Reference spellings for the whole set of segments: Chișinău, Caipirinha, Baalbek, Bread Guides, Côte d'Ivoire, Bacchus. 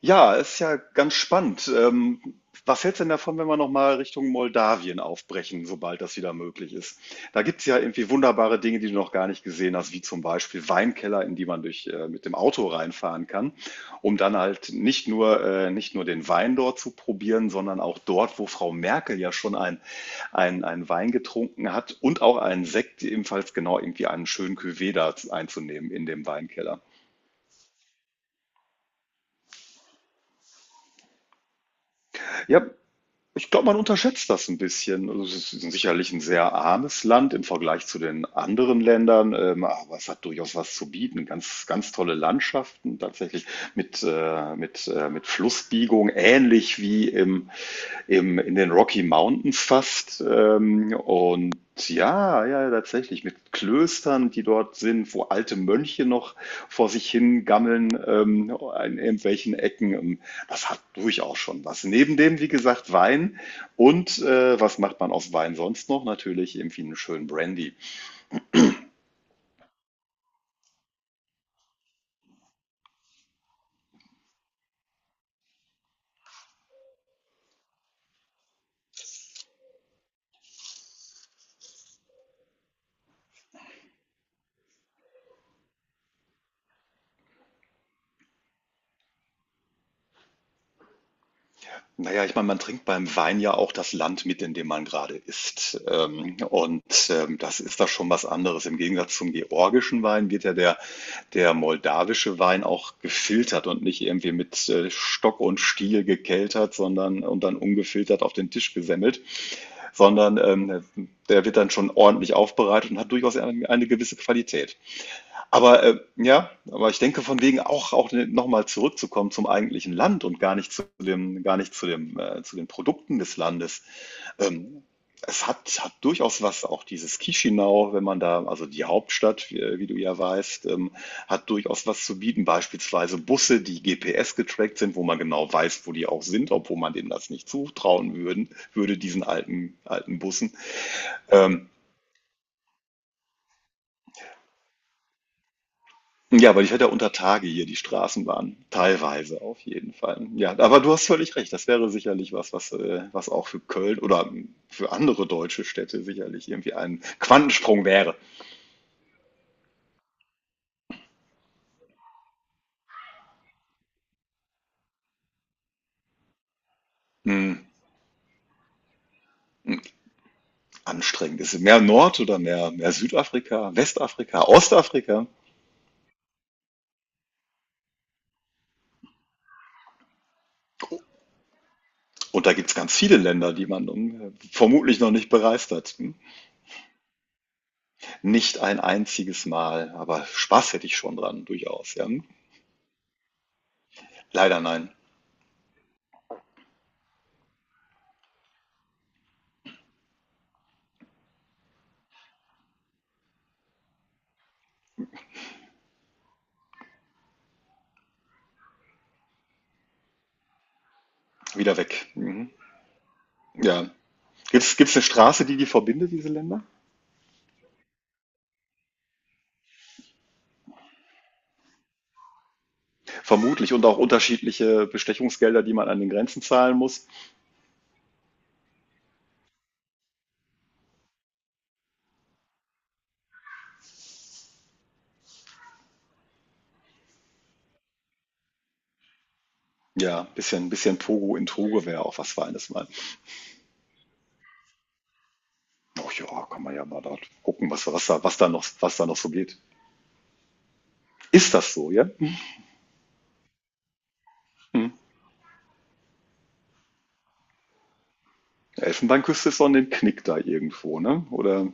Ja, ist ja ganz spannend. Was hältst du denn davon, wenn wir nochmal Richtung Moldawien aufbrechen, sobald das wieder möglich ist? Da gibt es ja irgendwie wunderbare Dinge, die du noch gar nicht gesehen hast, wie zum Beispiel Weinkeller, in die man mit dem Auto reinfahren kann, um dann halt nicht nur den Wein dort zu probieren, sondern auch dort, wo Frau Merkel ja schon ein Wein getrunken hat und auch einen Sekt, ebenfalls genau irgendwie einen schönen Cuvée da einzunehmen in dem Weinkeller. Ja, ich glaube, man unterschätzt das ein bisschen. Also es ist sicherlich ein sehr armes Land im Vergleich zu den anderen Ländern, aber es hat durchaus was zu bieten. Ganz, ganz tolle Landschaften tatsächlich mit Flussbiegung, ähnlich wie in den Rocky Mountains fast. Ja, ja, tatsächlich mit Klöstern, die dort sind, wo alte Mönche noch vor sich hin gammeln in irgendwelchen Ecken. Das hat durchaus schon was. Neben dem, wie gesagt, Wein. Und was macht man aus Wein sonst noch? Natürlich irgendwie einen schönen Brandy. Naja, ich meine, man trinkt beim Wein ja auch das Land mit, in dem man gerade ist. Das ist da schon was anderes. Im Gegensatz zum georgischen Wein der moldawische Wein auch gefiltert und nicht irgendwie mit Stock und Stiel gekeltert, sondern und dann ungefiltert auf den Tisch gesemmelt, sondern der wird dann schon ordentlich aufbereitet und hat durchaus eine gewisse Qualität. Aber ja, aber ich denke, von wegen auch auch noch mal zurückzukommen zum eigentlichen Land und gar nicht zu dem, zu den Produkten des Landes. Ähm, Es hat durchaus was, auch dieses Chișinău, wenn man da, also die Hauptstadt, wie du ja weißt, hat durchaus was zu bieten. Beispielsweise Busse, die GPS getrackt sind, wo man genau weiß, wo die auch sind, obwohl man denen das nicht zutrauen würden, würde diesen alten Bussen. Ähm, Ja, weil ich hatte ja unter Tage hier die Straßenbahn, teilweise auf jeden Fall. Ja, aber du hast völlig recht, das wäre sicherlich was, was auch für Köln oder für andere deutsche Städte sicherlich irgendwie ein Quantensprung wäre. Hm, anstrengend. Ist es mehr Nord- oder mehr Südafrika, Westafrika, Ostafrika? Und da gibt's ganz viele Länder, die man vermutlich noch nicht bereist hat. Hm? Nicht ein einziges Mal, aber Spaß hätte ich schon dran, durchaus. Ja? Leider nein, wieder weg. Mhm. Ja, gibt's eine Straße, die die verbindet, diese Länder? Vermutlich und auch unterschiedliche Bestechungsgelder, die man an den Grenzen zahlen muss. Ja, bisschen Togo, in Togo wäre auch was Feines mal. Ach ja, kann man ja mal dort gucken, was was da noch so geht. Ist das so, ja? Mhm. Elfenbeinküste ist doch 'nen Knick da irgendwo, ne? Oder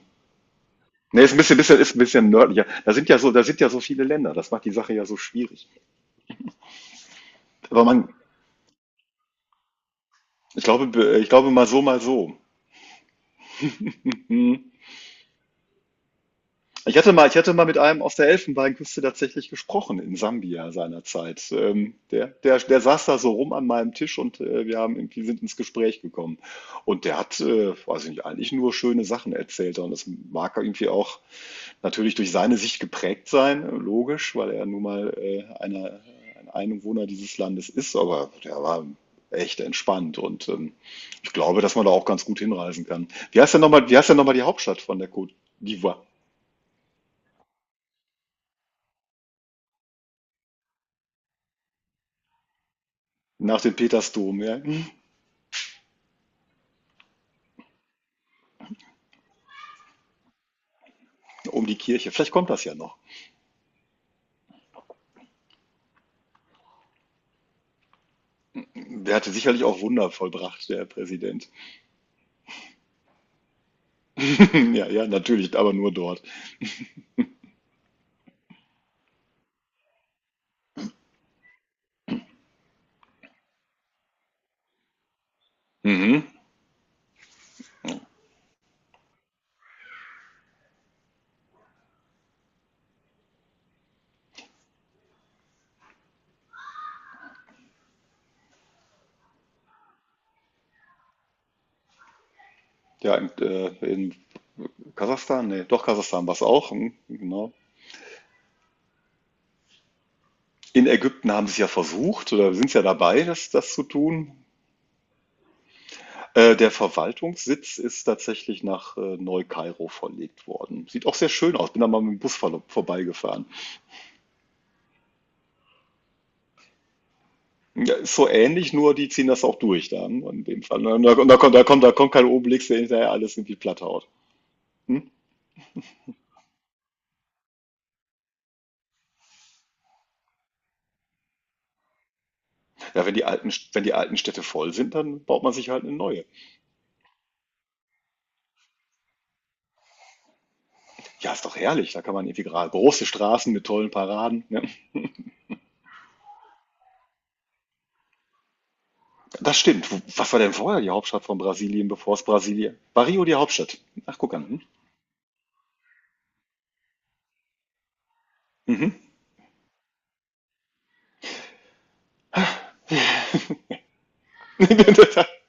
ne, ist ein bisschen bisschen ist 'n bisschen nördlicher. Da sind ja so viele Länder. Das macht die Sache ja so schwierig. Aber man, ich glaube, mal so, mal so. Mhm. Ich hatte mal, mit einem aus der Elfenbeinküste tatsächlich gesprochen in Sambia seinerzeit. Der saß da so rum an meinem Tisch und wir haben irgendwie sind ins Gespräch gekommen. Und der hat, weiß ich nicht, eigentlich nur schöne Sachen erzählt. Und das mag irgendwie auch natürlich durch seine Sicht geprägt sein, logisch, weil er nun mal ein Einwohner dieses Landes ist. Aber der war echt entspannt und ich glaube, dass man da auch ganz gut hinreisen kann. Wie heißt denn nochmal, wie heißt denn nochmal die Hauptstadt von der Côte d'Ivoire? Nach dem Petersdom, ja. Um die Kirche. Vielleicht kommt das ja noch. Der hatte sicherlich auch Wunder vollbracht, der Präsident. Ja, ja, natürlich, aber nur dort. Mhm. Ja, in Kasachstan, nee, doch Kasachstan war es auch. Mhm, genau. In Ägypten haben sie es ja versucht oder sind es ja dabei, das zu tun. Der Verwaltungssitz ist tatsächlich nach Neu-Kairo verlegt worden. Sieht auch sehr schön aus. Bin da mal mit dem Bus vorbeigefahren. Ja, ist so ähnlich, nur die ziehen das auch durch dann in dem Fall. Und da kommt kein Obelix, der hinterher alles irgendwie platt haut. Hm? Ja, wenn die alten Städte voll sind, dann baut man sich halt eine neue. Ja, ist doch herrlich. Da kann man irgendwie gerade große Straßen mit tollen Paraden. Ne? Das stimmt. Wo- Was war denn vorher die Hauptstadt von Brasilien, bevor es Brasilien? War Rio die Hauptstadt? Ach, guck an. Hm? Mhm.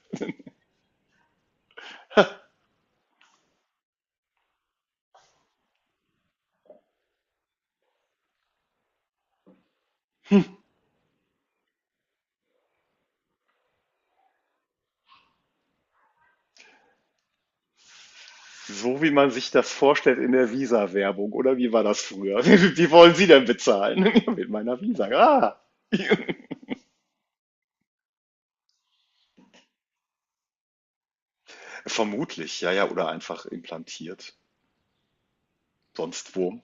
So wie man sich das vorstellt in der Visa-Werbung, oder wie war das früher? Wie wollen Sie denn bezahlen? Mit meiner Visa. Ah, vermutlich, ja, ja, oder einfach implantiert. Sonst wo.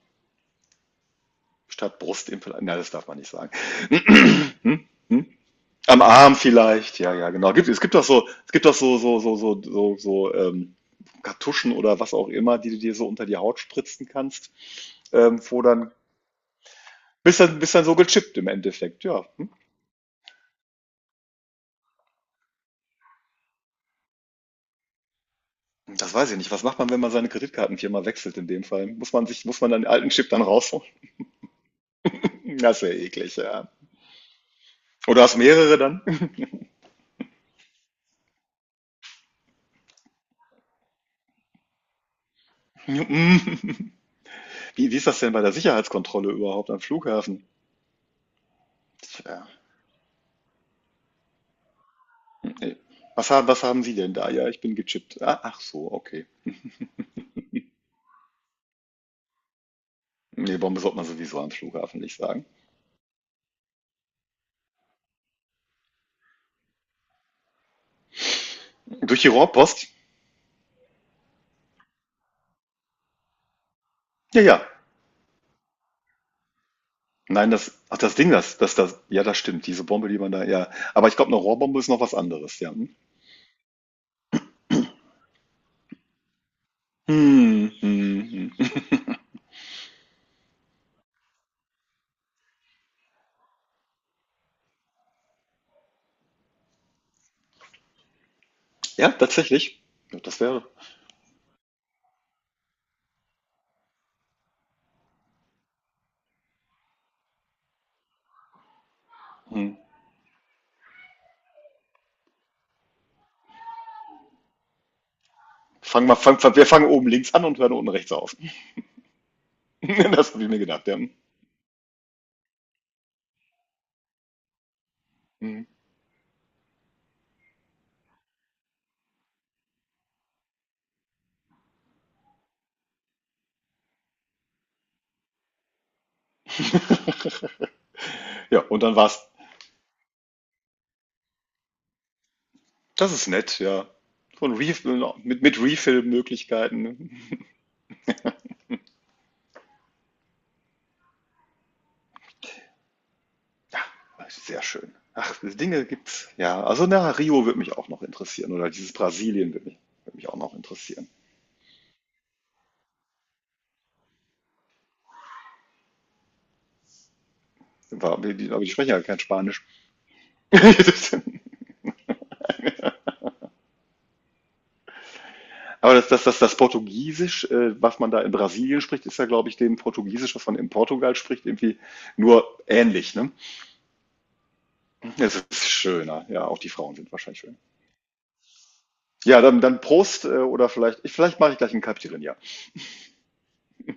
Statt Brustimplantat. Nein, das darf man nicht sagen. Hm? Hm? Am Arm vielleicht, ja, ja, genau. Gibt, es gibt doch so, es gibt doch so, so, so, so, so, so Kartuschen oder was auch immer, die du dir so unter die Haut spritzen kannst, wo dann bist dann so gechippt im Endeffekt, ja. Hm? Das weiß ich nicht. Was macht man, wenn man seine Kreditkartenfirma wechselt in dem Fall? Muss man dann den alten Chip dann rausholen? Das wäre eklig, ja. Oder hast mehrere dann? Wie ist das denn bei der Sicherheitskontrolle überhaupt am Flughafen? Tja, nee. Was haben Sie denn da? Ja, ich bin gechippt. Ah, ach so, okay. Nee, Bombe sollte man sowieso am Flughafen nicht sagen. Durch die Rohrpost? Ja, ja. Nein, das Ding, ja, das stimmt. Diese Bombe, die man da, ja. Aber ich glaube, eine Rohrbombe ist noch was anderes, ja. Hm. Ja, tatsächlich. Ja, das wäre, hm. Fangen wir, fang, fang, Wir fangen oben links an und hören unten rechts auf. Das habe ich mir gedacht, ja. Hm. Ja, und dann war's. Das ist nett, ja. So 'n Refill mit Refill-Möglichkeiten. Ne? Sehr schön. Ach, diese Dinge gibt's. Ja, also, na, Rio würde mich auch noch interessieren oder dieses Brasilien würde mich auch noch interessieren. Aber die sprechen ja kein Spanisch. Aber das Portugiesisch, was man da in Brasilien spricht, ist ja, glaube ich, dem Portugiesisch, was man in Portugal spricht, irgendwie nur ähnlich, ne? Es ist schöner. Ja, auch die Frauen sind wahrscheinlich schön. Ja, dann Prost, oder vielleicht ich vielleicht mache ich gleich ein 'n Caipirinha.